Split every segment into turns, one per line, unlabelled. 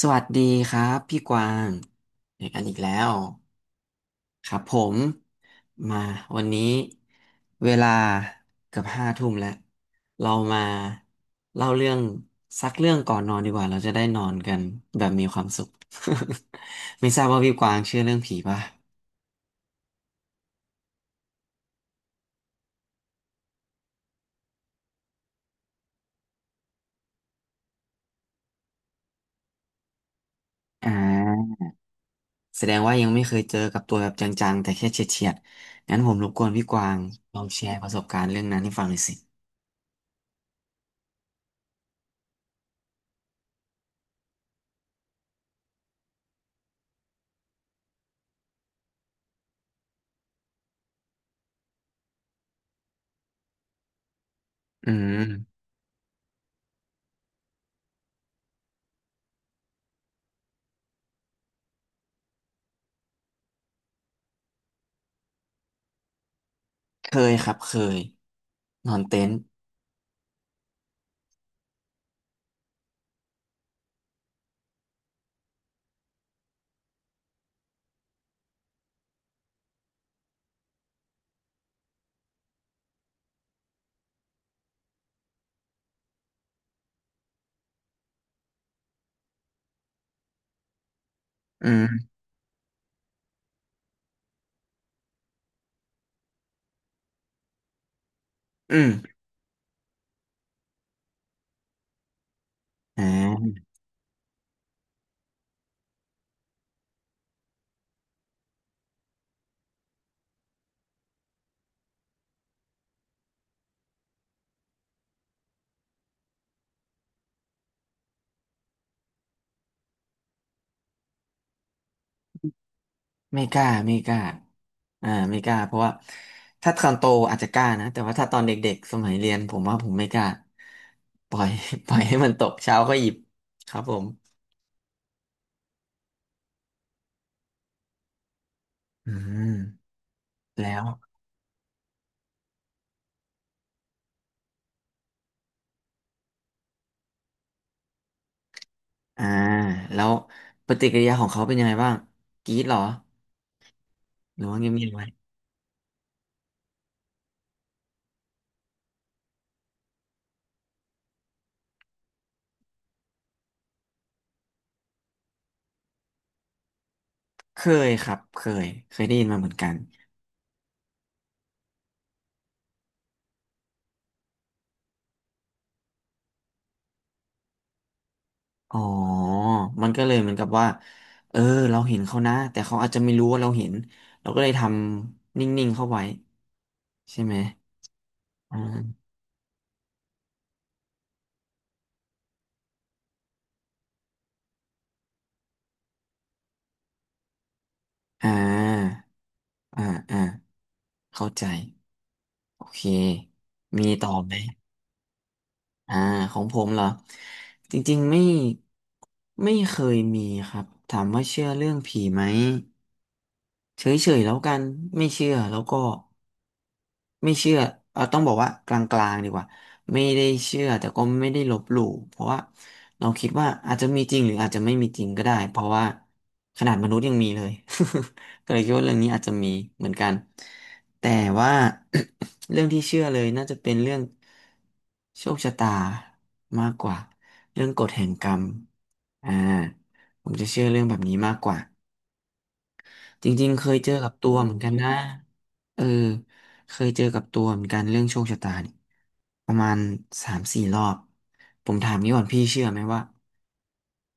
สวัสดีครับพี่กวางเจอกันอีกแล้ว ครับผม มาวันนี้เวลาเกือบห้าทุ่มแล้วเรามาเล่าเรื่องสักเรื่องก่อนนอนดีกว่าเราจะได้นอนกันแบบมีความสุข ไม่ทราบว่าพี่กวางเชื่อเรื่องผีป่ะอ่าแสดงว่ายังไม่เคยเจอกับตัวแบบจังๆแต่แค่เฉียดๆงั้นผมรบกวนพี่กวางลองแชร์ประสบการณ์เรื่องนั้นให้ฟังหน่อยสิอืมเคยครับเคยนอนเต็นท์อื อืมอ่าไม่กล้าไม่กล้าไม่กล้าเพราะว่าถ้าตอนโตอาจจะกล้านะแต่ว่าถ้าตอนเด็กๆสมัยเรียนผมว่าผมไม่กล้าปล่อย ปล่อยให้มันตกเช้าก็หยิบครับผมอืมแล้วอ่าแล้วปฏิกิริยาของเขาเป็นยังไงบ้างกรี๊ดเหรอหรือว่าเงียบๆไว้เคยครับเคยเคยได้ยินมาเหมือนกัน อ๋อมันก็เลยเหมือนกับว่าเออเราเห็นเขานะ แต่เขาอาจจะไม่รู้ว่าเราเห็น เราก็เลยทำนิ่งๆเข้าไว้ใช่ไหมอ่าอ่าอ่าอ่าเข้าใจโอเคมีต่อไหมอ่าของผมเหรอจริงๆไม่ไม่เคยมีครับถามว่าเชื่อเรื่องผีไหมเฉยๆแล้วกัน ไม่เชื่อแล้วก็ ไม่เชื่อเราต้องบอกว่ากลางๆดีกว่าไม่ได้เชื่อแต่ก็ไม่ได้ลบหลู่เพราะว่าเราคิดว่าอาจจะมีจริงหรืออาจจะไม่มีจริงก็ได้เพราะว่าขนาดมนุษย์ยังมีเลย ก็เลยคิดว่าเรื่องนี้อาจจะมีเหมือนกันแต่ว่า เรื่องที่เชื่อเลยน่าจะเป็นเรื่องโชคชะตามากกว่าเรื่องกฎแห่งกรรมอ่าผมจะเชื่อเรื่องแบบนี้มากกว่า จริงๆเคยเจอกับตัวเหมือนกันนะเออเคยเจอกับตัวเหมือนกันเรื่องโชคชะตาเนี่ยประมาณสามสี่รอบผมถามนี้ก่อนพี่เชื่อไหมว่า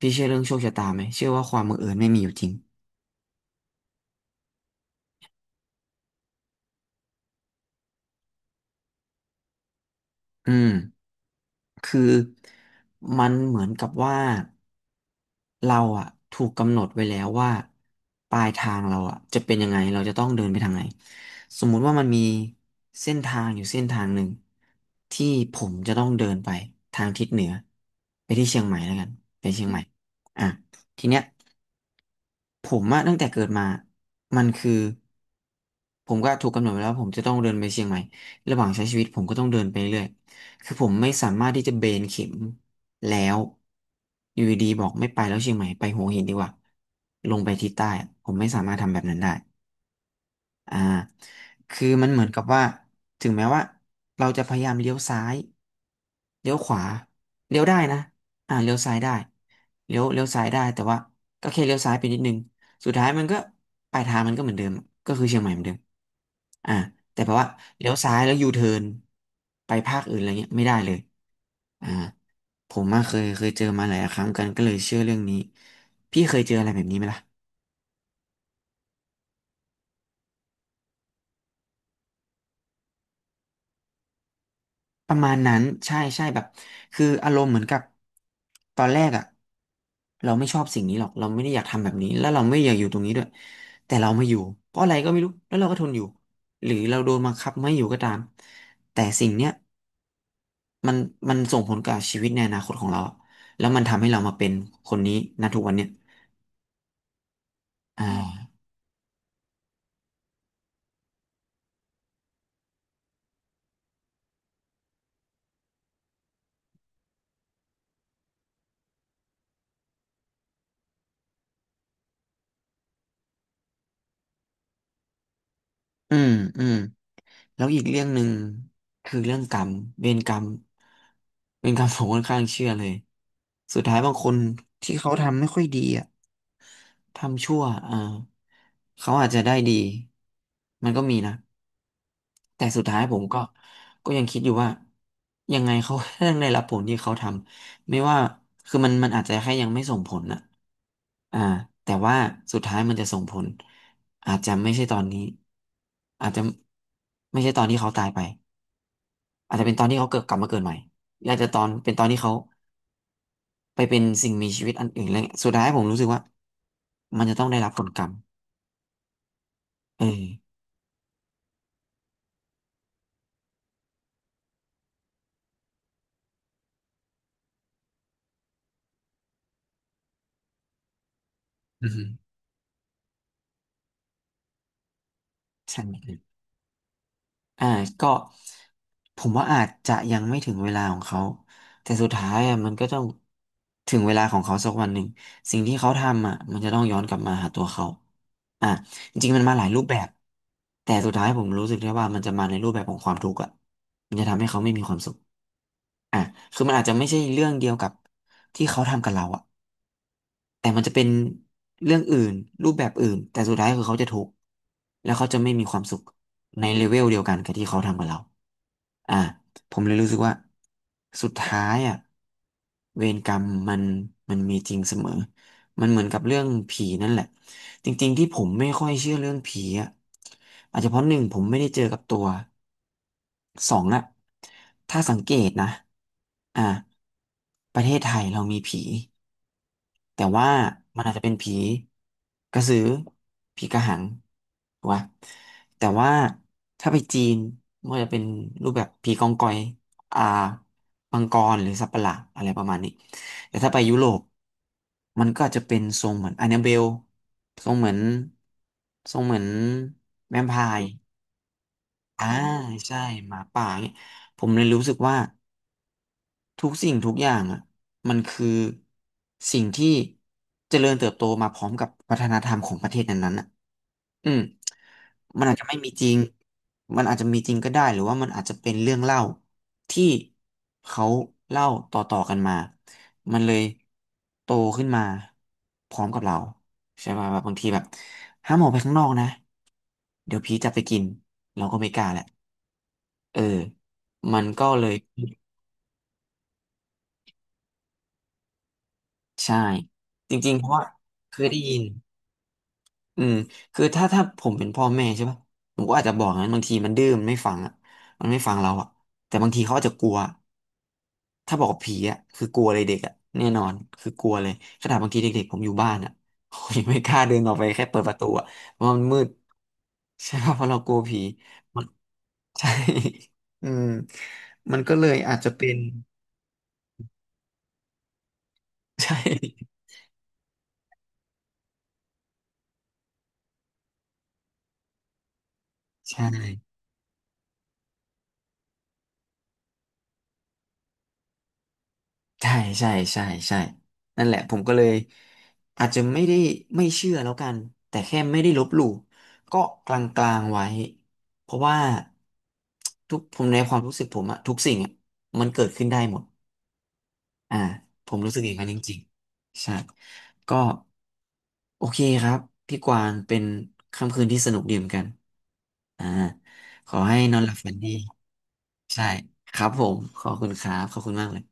พี่เชื่อเรื่องโชคชะตาไหมเชื่อว่าความบังเอิญไม่มีอยู่จริงอืม คือมันเหมือนกับว่าเราอะถูกกำหนดไว้แล้วว่าปลายทางเราอะจะเป็นยังไงเราจะต้องเดินไปทางไหนสมมุติว่ามันมีเส้นทางอยู่เส้นทางหนึ่งที่ผมจะต้องเดินไปทางทิศเหนือไปที่เชียงใหม่แล้วกันไปเชียงใหม่อ่ะทีเนี้ย ผมอะตั้งแต่เกิดมามันคือผมก็ถูกกำหนดไว้แล้วาผมจะต้องเดินไปเชียงใหม่ระหว่างใช้ชีวิตผมก็ต้องเดินไปเรื่อยคือผมไม่สามารถที่จะเบนเข็มแล้วอยู่ดีๆบอกไม่ไปแล้วเชียงใหม่ไปหัวหินดีกว่าลงไปทิศใต้อะผมไม่สามารถทำแบบนั้นได้ อ่าคือมันเหมือนกับว่าถึงแม้ว่าเราจะพยายามเลี้ยวซ้ายเลี้ยวขวาเลี้ยวได้นะเลี้ยวซ้ายได้เลี้ยวซ้ายได้แต่ว่าก็แค่เลี้ยวซ้ายไปนิดนึงสุดท้ายมันก็ปลายทางมันก็เหมือนเดิมก็คือเชียงใหม่เหมือนเดิมอ่าแต่แปลว่าเลี้ยวซ้ายแล้วยูเทิร์นไปภาคอื่นอะไรเงี้ยไม่ได้เลยอ่าผมมาเคยเจอมาหลายครั้งกันก็เลยเชื่อเรื่องนี้พี่เคยเจออะไรแบบนี้ไหมล่ะ ประมาณนั้นใช่ใช่แบบคืออารมณ์เหมือนกับตอนแรกอ่ะเราไม่ชอบสิ่งนี้หรอกเราไม่ได้อยากทำแบบนี้แล้วเราไม่อยากอยู่ตรงนี้ด้วยแต่เรามาอยู่เพราะอะไรก็ไม่รู้แล้วเราก็ทนอยู่หรือเราโดนบังคับไม่อยู่ก็ตามแต่สิ่งเนี้ยมันมันส่งผลกับชีวิตในอนาคตของเราแล้วมันทำให้เรามาเป็นคนนี้ณทุกวันเนี้ยอ่าอืมอืม แล้วอีกเรื่องหนึ่งคือเรื่องกรรมเวรกรรมเวรกรรม ผมค่อนข้างเชื่อเลยสุดท้ายบางคนที่เขาทำไม่ค่อยดีอ่ะทำชั่วอ่าเขาอาจจะได้ดีมันก็มีนะแต่สุดท้ายผมก็ยังคิดอยู่ว่ายังไงเขา ก็ต้องได้รับผลที่เขาทำไม่ว่าคือมันอาจจะแค่ยังไม่ส่งผลน่ะอ่าแต่ว่าสุดท้ายมันจะส่งผลอาจจะไม่ใช่ตอนนี้อาจจะไม่ใช่ตอนที่เขาตายไป อาจจะเป็นตอนที่เขาเกิดกลับมาเกิดใหม่หรืออาจจะตอนเป็นตอนที่เขาไปเป็นสิ่งมีชีวิตอันอื่นอะไรเงี้ยสุดท้ายผมรู้สึกว่ามันจะต้องได้รับผลกรรมเอออืมใช่ไหมครับอ่าก็ผมว่าอาจจะยังไม่ถึงเวลาของเขาแต่สุดท้ายอ่ะมันก็ต้องถึงเวลาของเขาสักวันหนึ่งสิ่งที่เขาทำอ่ะมันจะต้องย้อนกลับมาหาตัวเขาอ่ะจริงๆมันมาหลายรูปแบบแต่สุดท้ายผมรู้สึกได้ว่ามันจะมาในรูปแบบของความทุกข์อ่ะมันจะทำให้เขาไม่มีความสุข อ่ะคือมันอาจจะไม่ใช่เรื่องเดียวกับที่เขาทำกับเราอะแต่มันจะเป็นเรื่องอื่นรูปแบบอื่นแต่สุดท้ายคือเขาจะทุกข์แล้วเขาจะไม่มีความสุขในเลเวลเดียวกันกับที่เขาทำกับเราอ่ะผมเลยรู้สึกว่าสุดท้ายอะเวรกรรมมันมีจริงเสมอ มันเหมือนกับเรื่องผีนั่นแหละจริงๆที่ผมไม่ค่อยเชื่อเรื่องผีอ่ะอาจจะเพราะหนึ่งผมไม่ได้เจอกับตัวสองอะถ้าสังเกตนะอ่าประเทศไทยเรามีผีแต่ว่ามันอาจจะเป็นผีกระสือผีกระหังถูกปะแต่ว่าถ้าไปจีนมันก็จะเป็นรูปแบบผีกองกอยอ่า มังกรหรือสัตว์ประหลาดอะไรประมาณนี้แต่ถ้าไปยุโรปมันก็จะเป็นทรงเหมือนอัน a b เบลทรงเหมือนทรงเหมือนแวมไพร์อ่าใช่หมาป่าเนี่ยผมเลยรู้สึกว่าทุกสิ่งทุกอย่างอ่ะมันคือสิ่งที่เจริญเติบโตมาพร้อมกับวัฒนธรรมของประเทศนั้นๆอะ อืมมันอาจจะไม่มีจริง มันอาจจะมีจริงก็ได้หรือว่ามันอาจจะเป็นเรื่องเล่าที่เขาเล่าต่อๆกันมา มันเลยโตขึ้นมาพร้อมกับเราใช่ป่ะแบบบางทีแบบห้ามออกไปข้างนอกนะเดี๋ยวผีจับไปกินเราก็ไม่กล้าแหละเออมันก็เลยใช่จริงๆเพราะว่าเคยได้ยิน อืมคือถ้าผมเป็นพ่อแม่ใช่ปะผมก็อาจจะบอกงั้นบางทีมันดื้อมันไม่ฟังอ่ะมันไม่ฟังเราอ่ะแต่บางทีเขาอาจจะกลัวถ้าบอกว่าผีอ่ะคือกลัวเลยเด็กอ่ะแน่นอนคือกลัวเลยขนาดบางทีเด็กๆผมอยู่บ้านอ่ะผมยังไม่กล้าเดินออกไปแค่เปิดประตูอ่ะเพราะมันมืดใช่ปะเพราะเรากลัวผีมันใช่ อืมมันก็เลยอาจจะเป็น ใช่ใช่ ใช่ใช่ใช่ใช่นั่นแหละผมก็เลยอาจจะไม่ได้ไม่เชื่อแล้วกันแต่แค่ไม่ได้ลบหลู่ก็กลางๆไว้เพราะว่าทุกผมในความรู้สึกผมอะทุกสิ่งอะมันเกิดขึ้นได้หมดอ่าผมรู้สึกอย่างนั้นจริงๆใช่ก็โอเคครับพี่กวางเป็นค่ำคืนที่สนุกดีเหมือนกันอ่าขอให้นอนหลับฝันดีใช่ครับผมขอบคุณครับขอบคุณมากเลย